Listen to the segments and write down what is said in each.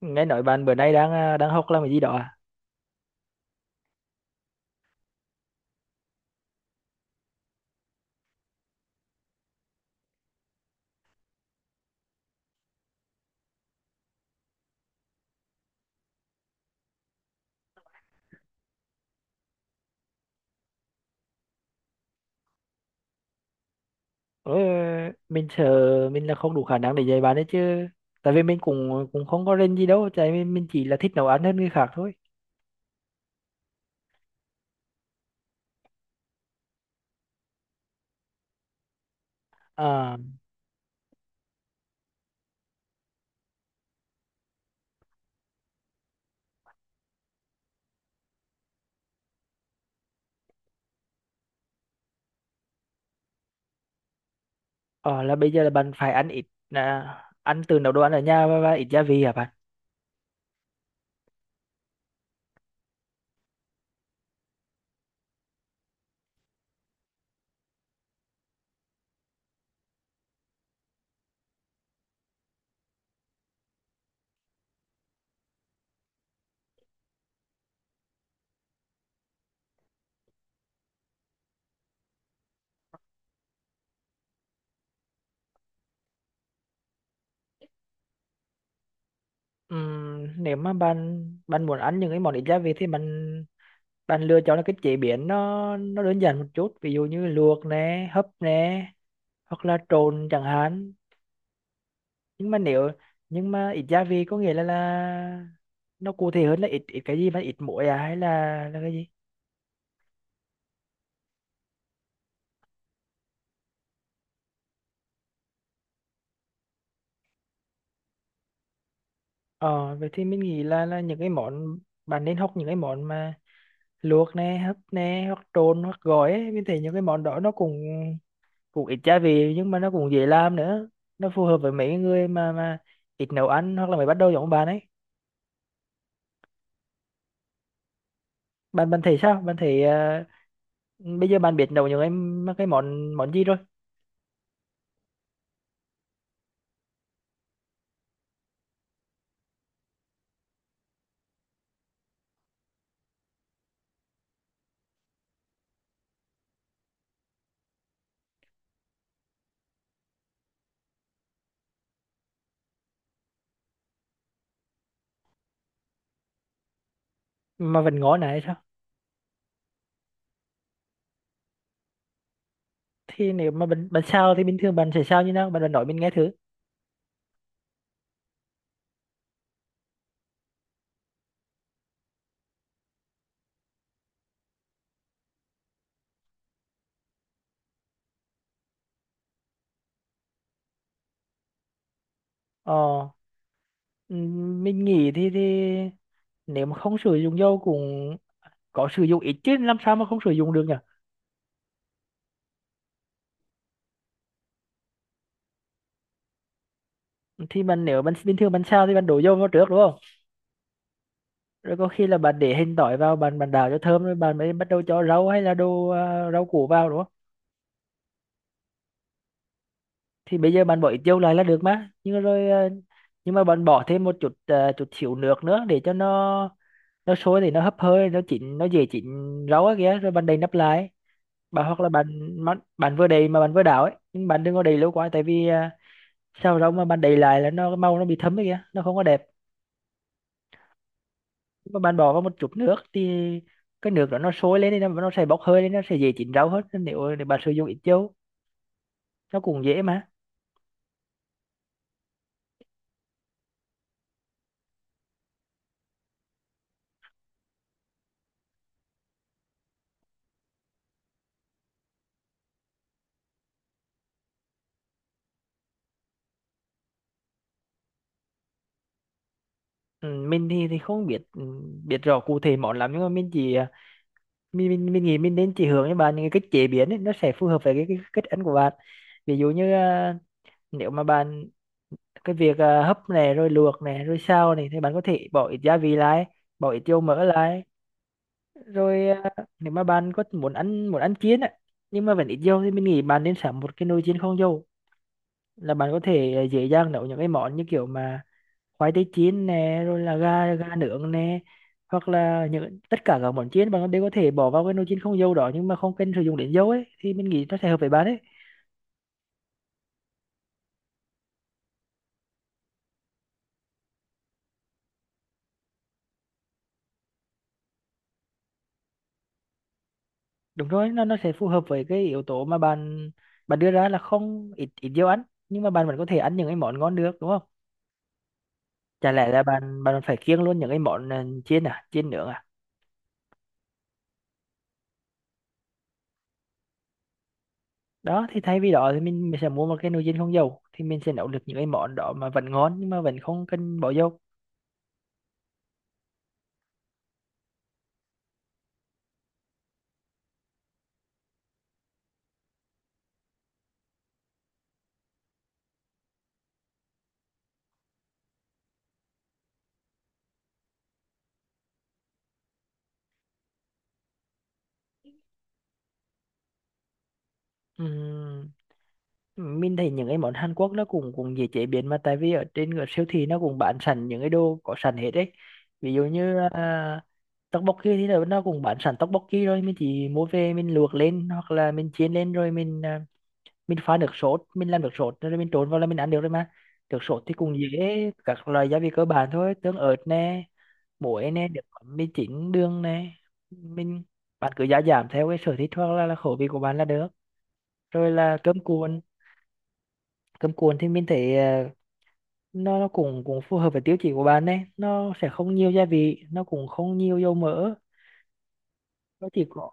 Nghe nói bạn bữa nay đang đang học làm cái gì đó à? Ủa, mình sợ mình là không đủ khả năng để dạy bạn đấy chứ, tại vì mình cũng cũng không có rên gì đâu, tại vì mình chỉ là thích nấu ăn hơn người khác thôi. à, ờ, là bây giờ là bạn phải à, ăn từ nấu đồ ăn ở nhà và ít gia vị hả bạn? Nếu mà bạn bạn muốn ăn những cái món ít gia vị thì bạn bạn lựa chọn là cái chế biến nó đơn giản một chút, ví dụ như luộc nè, hấp nè, hoặc là trộn chẳng hạn. nhưng mà nếu nhưng mà ít gia vị có nghĩa là nó cụ thể hơn là ít ít cái gì, mà ít muối à hay là cái gì? Ờ Vậy thì mình nghĩ là những cái món bạn nên học những cái món mà luộc nè, hấp nè, hoặc trộn hoặc gói ấy. Mình thấy những cái món đó nó cũng cũng ít gia vị, nhưng mà nó cũng dễ làm nữa, nó phù hợp với mấy cái người mà ít nấu ăn hoặc là mới bắt đầu giống bạn ấy. Bạn bạn thấy sao Bạn thấy bây giờ bạn biết nấu những cái món món gì rồi? Mà vẫn ngon này. Thì nếu mà bạn bạn sao thì bình thường bạn sẽ sao như nào bạn, bạn nói mình nghe thử. ờ mình nghĩ thì nếu mà không sử dụng dầu cũng có sử dụng ít chứ, làm sao mà không sử dụng được nhỉ. Thì bạn Nếu bạn bình thường bạn sao thì bạn đổ dầu vào trước đúng không? Rồi có khi là bạn để hành tỏi vào, bạn bạn đảo cho thơm, rồi bạn mới bắt đầu cho rau hay là rau củ vào đúng không? Thì bây giờ bạn bỏ ít dầu lại là được mà, nhưng mà bạn bỏ thêm chút xíu nước nữa để cho nó sôi thì nó hấp hơi nó chín, nó dễ chín rau á kìa, rồi bạn đậy nắp lại, bà hoặc là bạn mà- bạn vừa đầy mà bạn vừa đảo ấy, nhưng bạn đừng có đầy lâu quá, tại vì sao rau mà bạn đầy lại là nó màu nó bị thấm ấy kìa, nó không có đẹp. Nhưng mà bạn bỏ vào một chút nước thì cái nước đó nó sôi lên, thì nó sẽ bốc hơi lên, nó sẽ dễ chín rau hơn. Nên nếu để bạn sử dụng ít dầu nó cũng dễ mà. Ừ, mình thì không biết, biết rõ cụ thể món lắm, nhưng mà mình chỉ à, mình nghĩ mình nên chỉ hướng cho bạn những cái cách chế biến ấy, nó sẽ phù hợp với cái cách ăn của bạn. Ví dụ như nếu mà bạn cái việc à, hấp này rồi luộc này rồi xào này thì bạn có thể bỏ ít gia vị lại, bỏ ít dầu mỡ lại, rồi nếu mà bạn có muốn ăn chiên á, nhưng mà vẫn ít dầu thì mình nghĩ bạn nên sắm một cái nồi chiên không dầu, là bạn có thể dễ dàng nấu những cái món như kiểu mà khoai tây chiên nè, rồi là gà gà nướng nè, hoặc là những tất cả các món chiên bạn đều có thể bỏ vào cái nồi chiên không dầu đó, nhưng mà không cần sử dụng đến dầu ấy, thì mình nghĩ nó sẽ hợp với bạn ấy. Đúng rồi, nó sẽ phù hợp với cái yếu tố mà bạn bạn đưa ra là không ít ít dầu ăn, nhưng mà bạn vẫn có thể ăn những cái món ngon được đúng không? Chả lẽ là bạn bạn phải kiêng luôn những cái món chiên à, chiên nướng à? Đó thì thay vì đó thì mình sẽ mua một cái nồi chiên không dầu, thì mình sẽ nấu được những cái món đó mà vẫn ngon nhưng mà vẫn không cần bỏ dầu. Ừm, mình thấy những cái món Hàn Quốc nó cũng cũng dễ chế biến mà, tại vì ở trên cái siêu thị nó cũng bán sẵn những cái đồ có sẵn hết đấy, ví dụ như tteokbokki thì nó cũng bán sẵn tteokbokki, rồi mình chỉ mua về mình luộc lên hoặc là mình chiên lên, rồi mình pha nước sốt, mình làm nước sốt rồi mình trộn vào là mình ăn được rồi mà. Nước sốt thì cũng dễ, các loại gia vị cơ bản thôi: tương ớt nè, muối nè, nước mắm, mì chính, đường nè. mình Bạn cứ gia giảm theo cái sở thích hoặc là khẩu vị của bạn là được. Rồi là cơm cuộn. Cơm cuộn thì mình thấy nó cũng cũng phù hợp với tiêu chí của bạn đấy, nó sẽ không nhiều gia vị, nó cũng không nhiều dầu mỡ, nó chỉ có.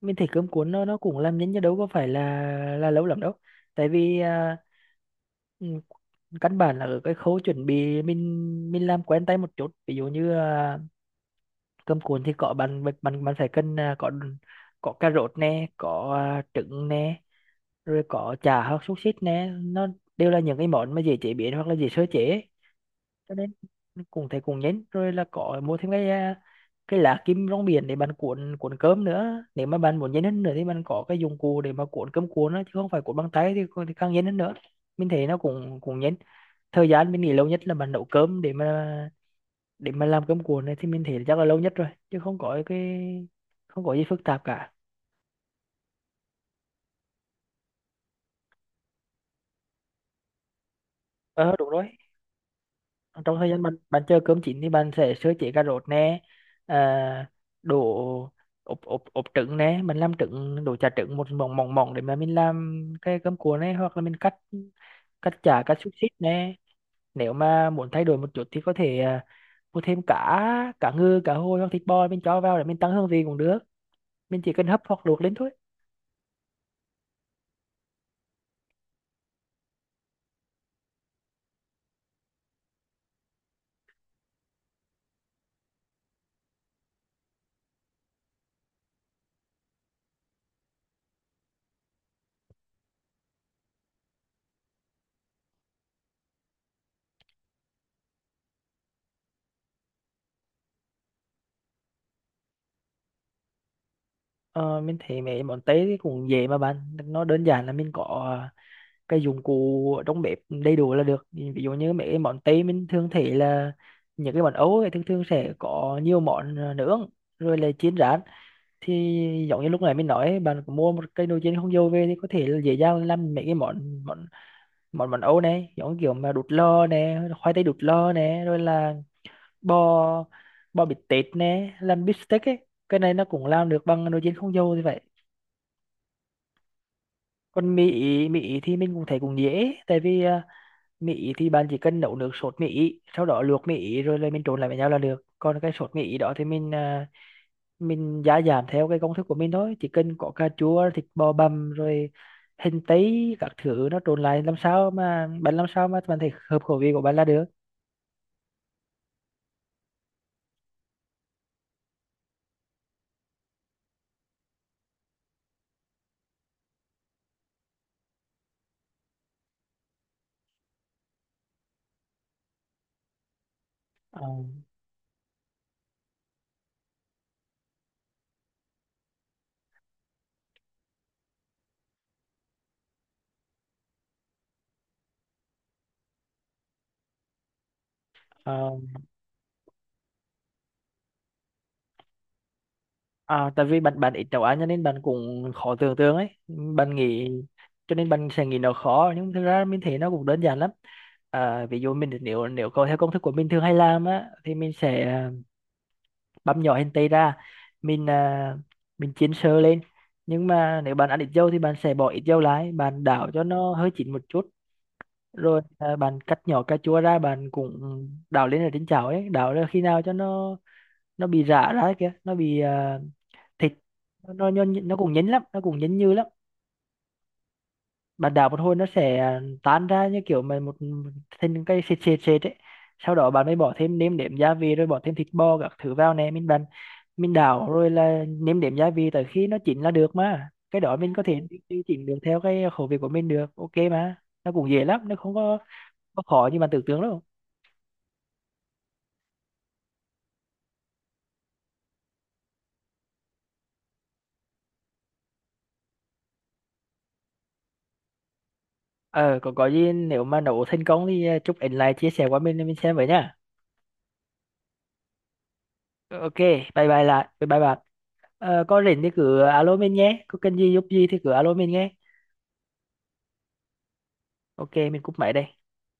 Mình thấy cơm cuốn nó cũng làm nhanh chứ đâu có phải là lâu lắm đâu, tại vì ừ, căn bản là ở cái khâu chuẩn bị mình làm quen tay một chút, ví dụ như cơm cuốn thì có bạn bạn bạn bạn phải cần có cà rốt nè, có trứng nè, rồi có chả hoặc xúc xích nè, nó đều là những cái món mà dễ chế biến hoặc là dễ sơ chế. Cho nên cũng thấy cũng nhấn, rồi là có mua thêm cái lá kim rong biển để bạn cuộn cuộn cơm nữa, nếu mà bạn muốn nhấn hơn nữa thì bạn có cái dụng cụ để mà cuộn cơm cuộn đó chứ không phải cuộn bằng tay, thì càng nhấn hơn nữa. Mình thấy nó cũng cũng nhấn, thời gian mình nghĩ lâu nhất là bạn nấu cơm để mà làm cơm cuộn này thì mình thấy chắc là lâu nhất rồi, chứ không có gì phức tạp cả. Ờ, đúng rồi. Trong thời gian bạn bạn chờ cơm chín thì bạn sẽ sơ chế cà rốt nè, à, đổ ốp ốp ốp trứng nè, mình làm trứng đổ chả trứng một mỏng mỏng mỏng để mà mình làm cái cơm cuộn này, hoặc là mình cắt cắt chả cắt xúc xích nè. Nếu mà muốn thay đổi một chút thì có thể mua thêm cá cá ngừ, cá hồi hoặc thịt bò, mình cho vào để mình tăng hương vị cũng được, mình chỉ cần hấp hoặc luộc lên thôi. Ờ, mình thấy mấy món Tây thì cũng dễ mà bạn, nó đơn giản là mình có cái dụng cụ trong bếp đầy đủ là được. Ví dụ như mấy cái món Tây mình thường thấy là những cái món Âu ấy, thường thường sẽ có nhiều món nướng, rồi là chiên rán, thì giống như lúc nãy mình nói ấy, bạn có mua một cái nồi chiên không dầu về thì có thể là dễ dàng làm mấy cái món món món món Âu này, giống kiểu mà đút lò nè, khoai tây đút lò nè, rồi là bò bò bít tết nè, làm bít tết ấy, cái này nó cũng làm được bằng nồi chiên không dầu như vậy. Còn mì Ý thì mình cũng thấy cũng dễ, tại vì Mỹ thì bạn chỉ cần nấu nước sốt Mỹ sau đó luộc Mỹ rồi là mình trộn lại với nhau là được. Còn cái sốt Mỹ đó thì mình gia giảm theo cái công thức của mình thôi, chỉ cần có cà chua, thịt bò bằm, rồi hành tây các thứ, nó trộn lại làm sao mà bạn thấy hợp khẩu vị của bạn là được. Ờ, ờ, Tại vì bạn bạn ít nấu ăn cho nên bạn cũng khó tưởng tượng ấy bạn nghĩ, cho nên bạn sẽ nghĩ nó khó nhưng thực ra mình thấy nó cũng đơn giản lắm. Ví dụ mình nếu nếu có theo công thức của mình thường hay làm á thì mình sẽ băm nhỏ hành tây ra, mình à, mình chiên sơ lên, nhưng mà nếu bạn ăn ít dầu thì bạn sẽ bỏ ít dầu lại, bạn đảo cho nó hơi chín một chút. Rồi bạn cắt nhỏ cà chua ra, bạn cũng đảo lên ở trên chảo ấy, đảo ra khi nào cho nó bị rã ra kìa, nó bị à, thịt nó cũng nhấn lắm, nó cũng nhấn như lắm, bạn đảo một hồi nó sẽ tan ra như kiểu mà một một- thành cái sệt sệt sệt ấy. Sau đó bạn mới bỏ thêm nêm nếm gia vị rồi bỏ thêm thịt bò các thứ vào nè, mình đảo rồi là nêm nếm gia vị tới khi nó chín là được mà, cái đó mình có thể đi chỉnh được theo cái khẩu vị của mình được ok mà. Nó cũng dễ lắm, nó không có khó như bạn tưởng tượng đâu. Ờ Còn có gì nếu mà nấu thành công thì chúc ảnh lại chia sẻ qua mình xem với nhá. Ok, bye bye lại bye bye bạn. Ờ, có rảnh thì cứ alo mình nhé, có cần gì giúp gì thì cứ alo mình nhé. Ok, mình cúp máy đây.